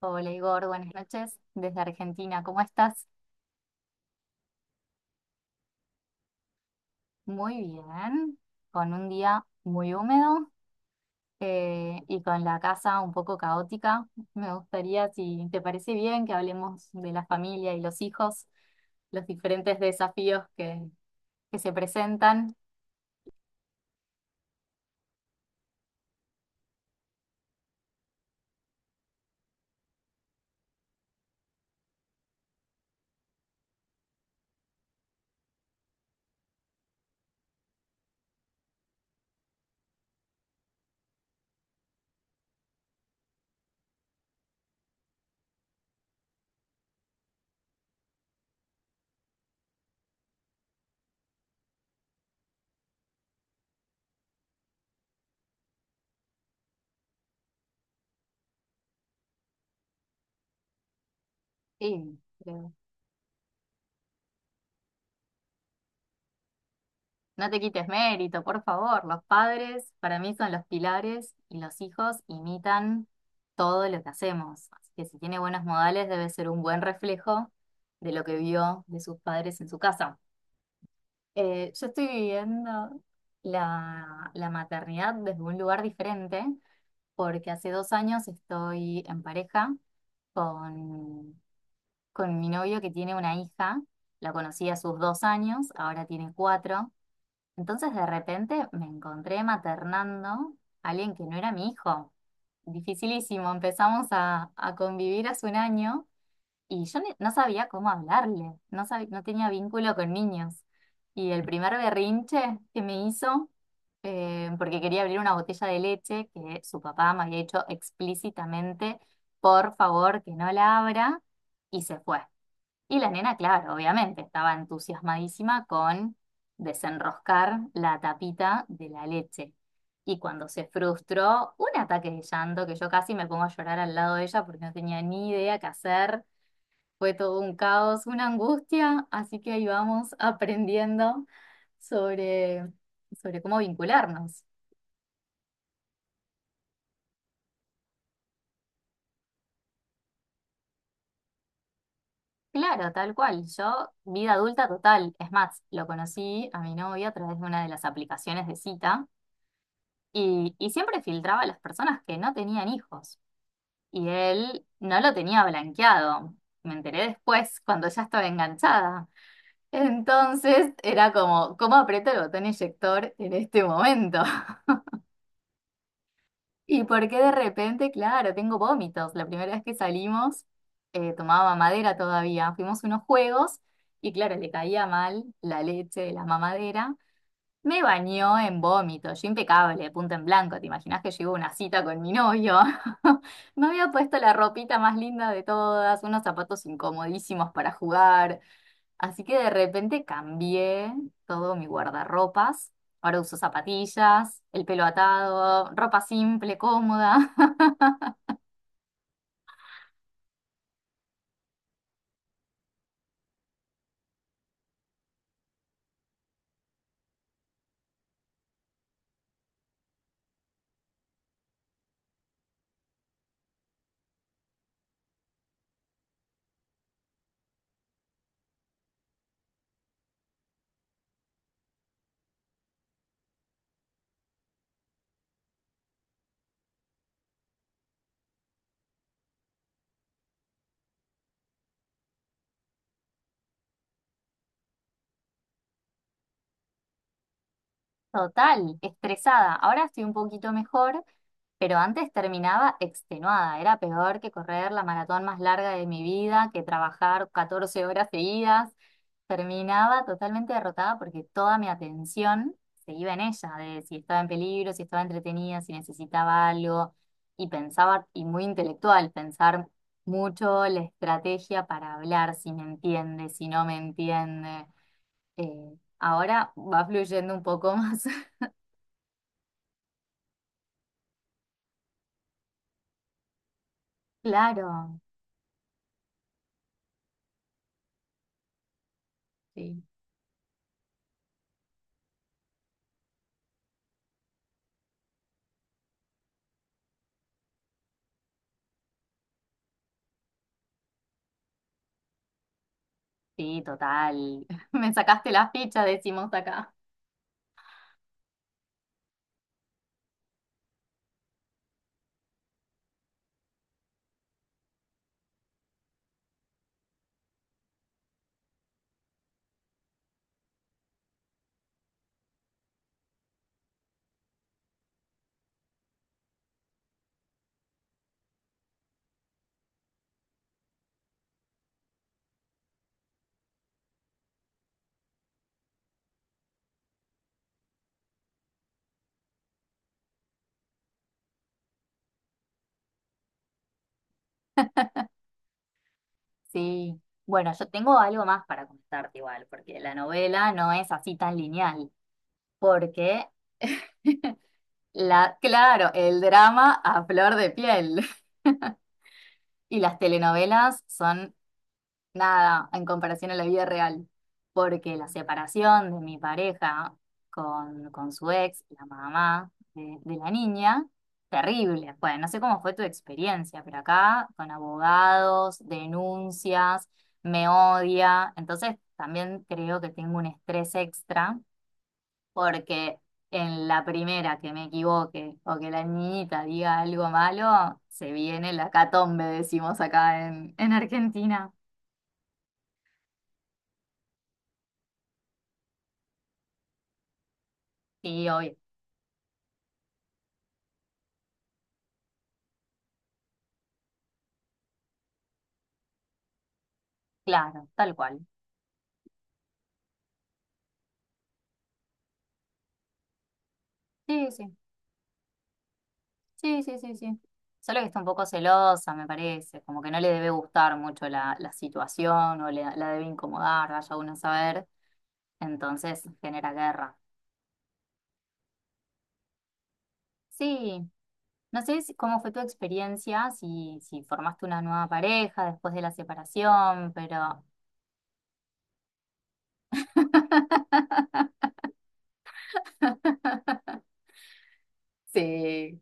Hola Igor, buenas noches desde Argentina. ¿Cómo estás? Muy bien, con un día muy húmedo y con la casa un poco caótica. Me gustaría, si te parece bien, que hablemos de la familia y los hijos, los diferentes desafíos que se presentan. Sí, no te quites mérito, por favor. Los padres para mí son los pilares y los hijos imitan todo lo que hacemos. Así que si tiene buenos modales debe ser un buen reflejo de lo que vio de sus padres en su casa. Yo estoy viviendo la maternidad desde un lugar diferente porque hace 2 años estoy en pareja con, con mi novio que tiene una hija. La conocí a sus 2 años, ahora tiene cuatro. Entonces de repente me encontré maternando a alguien que no era mi hijo. Dificilísimo, empezamos a convivir hace 1 año y yo no sabía cómo hablarle, no tenía vínculo con niños. Y el primer berrinche que me hizo, porque quería abrir una botella de leche que su papá me había dicho explícitamente, por favor, que no la abra, y se fue. Y la nena, claro, obviamente, estaba entusiasmadísima con desenroscar la tapita de la leche. Y cuando se frustró, un ataque de llanto que yo casi me pongo a llorar al lado de ella porque no tenía ni idea qué hacer. Fue todo un caos, una angustia, así que ahí vamos aprendiendo sobre, sobre cómo vincularnos. Claro, tal cual. Yo, vida adulta total. Es más, lo conocí a mi novia a través de una de las aplicaciones de cita. Y siempre filtraba a las personas que no tenían hijos. Y él no lo tenía blanqueado. Me enteré después, cuando ya estaba enganchada. Entonces era como, ¿cómo aprieto el botón eyector en este momento? ¿Y por qué de repente, claro, tengo vómitos? La primera vez que salimos, tomaba mamadera todavía. Fuimos a unos juegos y claro, le caía mal la leche de la mamadera. Me bañó en vómito, yo impecable, punto en blanco. ¿Te imaginas que yo iba a una cita con mi novio? Me había puesto la ropita más linda de todas, unos zapatos incomodísimos para jugar. Así que de repente cambié todo mi guardarropas. Ahora uso zapatillas, el pelo atado, ropa simple, cómoda. Total, estresada. Ahora estoy un poquito mejor. Pero antes terminaba extenuada, era peor que correr la maratón más larga de mi vida, que trabajar 14 horas seguidas. Terminaba totalmente derrotada porque toda mi atención se iba en ella, de si estaba en peligro, si estaba entretenida, si necesitaba algo. Y pensaba, y muy intelectual, pensar mucho la estrategia para hablar, si me entiende, si no me entiende. Ahora va fluyendo un poco más. Claro, sí. Sí, total. Me sacaste la fecha, decimos acá. Sí. Bueno, yo tengo algo más para contarte igual, porque la novela no es así tan lineal, porque claro, el drama a flor de piel y las telenovelas son nada en comparación a la vida real, porque la separación de mi pareja con su ex, la mamá de la niña, terrible. Bueno, no sé cómo fue tu experiencia, pero acá con abogados, denuncias, me odia, entonces también creo que tengo un estrés extra, porque en la primera que me equivoque o que la niñita diga algo malo, se viene la catombe, decimos acá en Argentina. Sí, obvio. Claro, tal cual. Sí, sí, sí, sí, sí, sí. Solo que está un poco celosa, me parece, como que no le debe gustar mucho la situación o la debe incomodar, vaya uno a saber, entonces genera guerra. Sí, no sé si, cómo fue tu experiencia, si formaste una nueva pareja después de la separación, pero… Sí,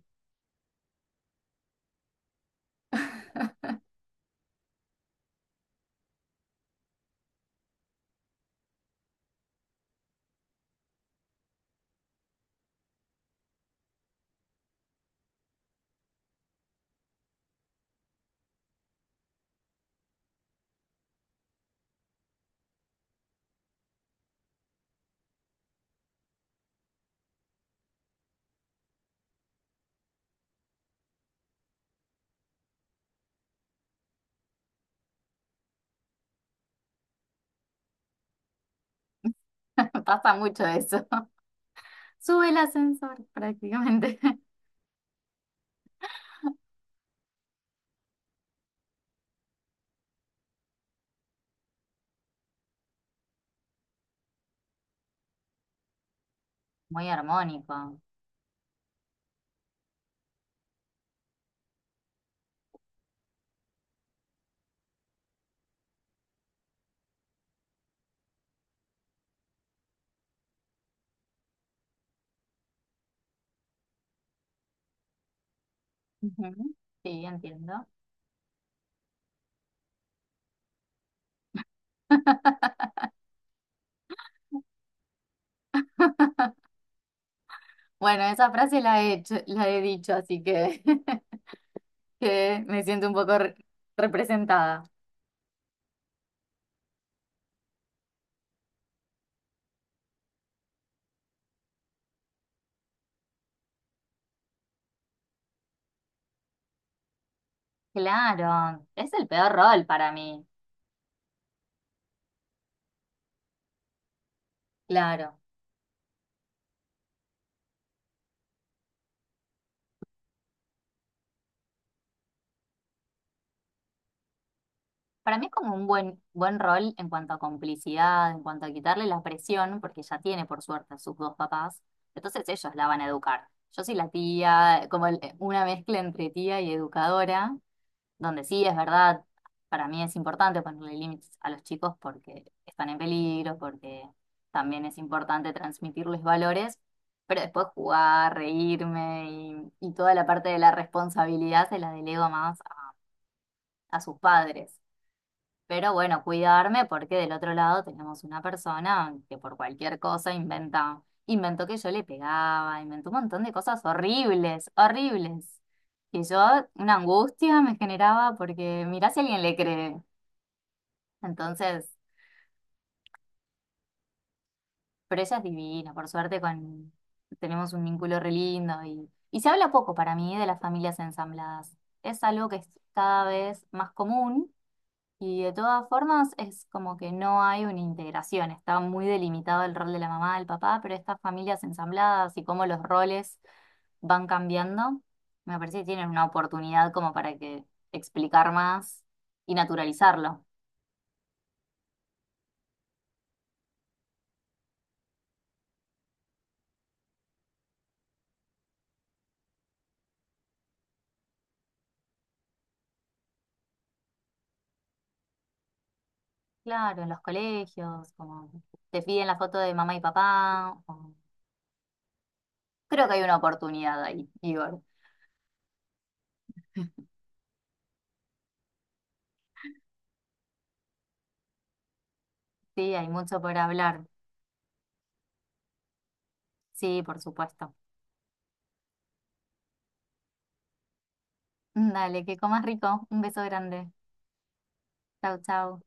pasa mucho eso. Sube el ascensor prácticamente. Muy armónico. Ujú. Sí, entiendo. Bueno, esa frase la he dicho, así que, que me siento un poco representada. Claro, es el peor rol para mí. Claro, para mí es como un buen, buen rol en cuanto a complicidad, en cuanto a quitarle la presión, porque ya tiene por suerte a sus dos papás, entonces ellos la van a educar. Yo soy la tía, como una mezcla entre tía y educadora, donde sí es verdad, para mí es importante ponerle límites a los chicos porque están en peligro, porque también es importante transmitirles valores, pero después jugar, reírme y toda la parte de la responsabilidad se la delego más a sus padres. Pero bueno, cuidarme porque del otro lado tenemos una persona que por cualquier cosa inventa, inventó que yo le pegaba, inventó un montón de cosas horribles, horribles, que yo una angustia me generaba porque mirá si alguien le cree. Entonces, pero ella es divina, por suerte con, tenemos un vínculo re lindo y se habla poco para mí de las familias ensambladas. Es algo que es cada vez más común. Y de todas formas es como que no hay una integración, está muy delimitado el rol de la mamá, del papá, pero estas familias ensambladas y cómo los roles van cambiando, me parece que tienen una oportunidad como para que explicar más y naturalizarlo. Claro, en los colegios, como te piden la foto de mamá y papá, o- creo que hay una oportunidad ahí, Igor. Sí, hay mucho por hablar. Sí, por supuesto. Dale, que comas rico. Un beso grande. Chau, chau.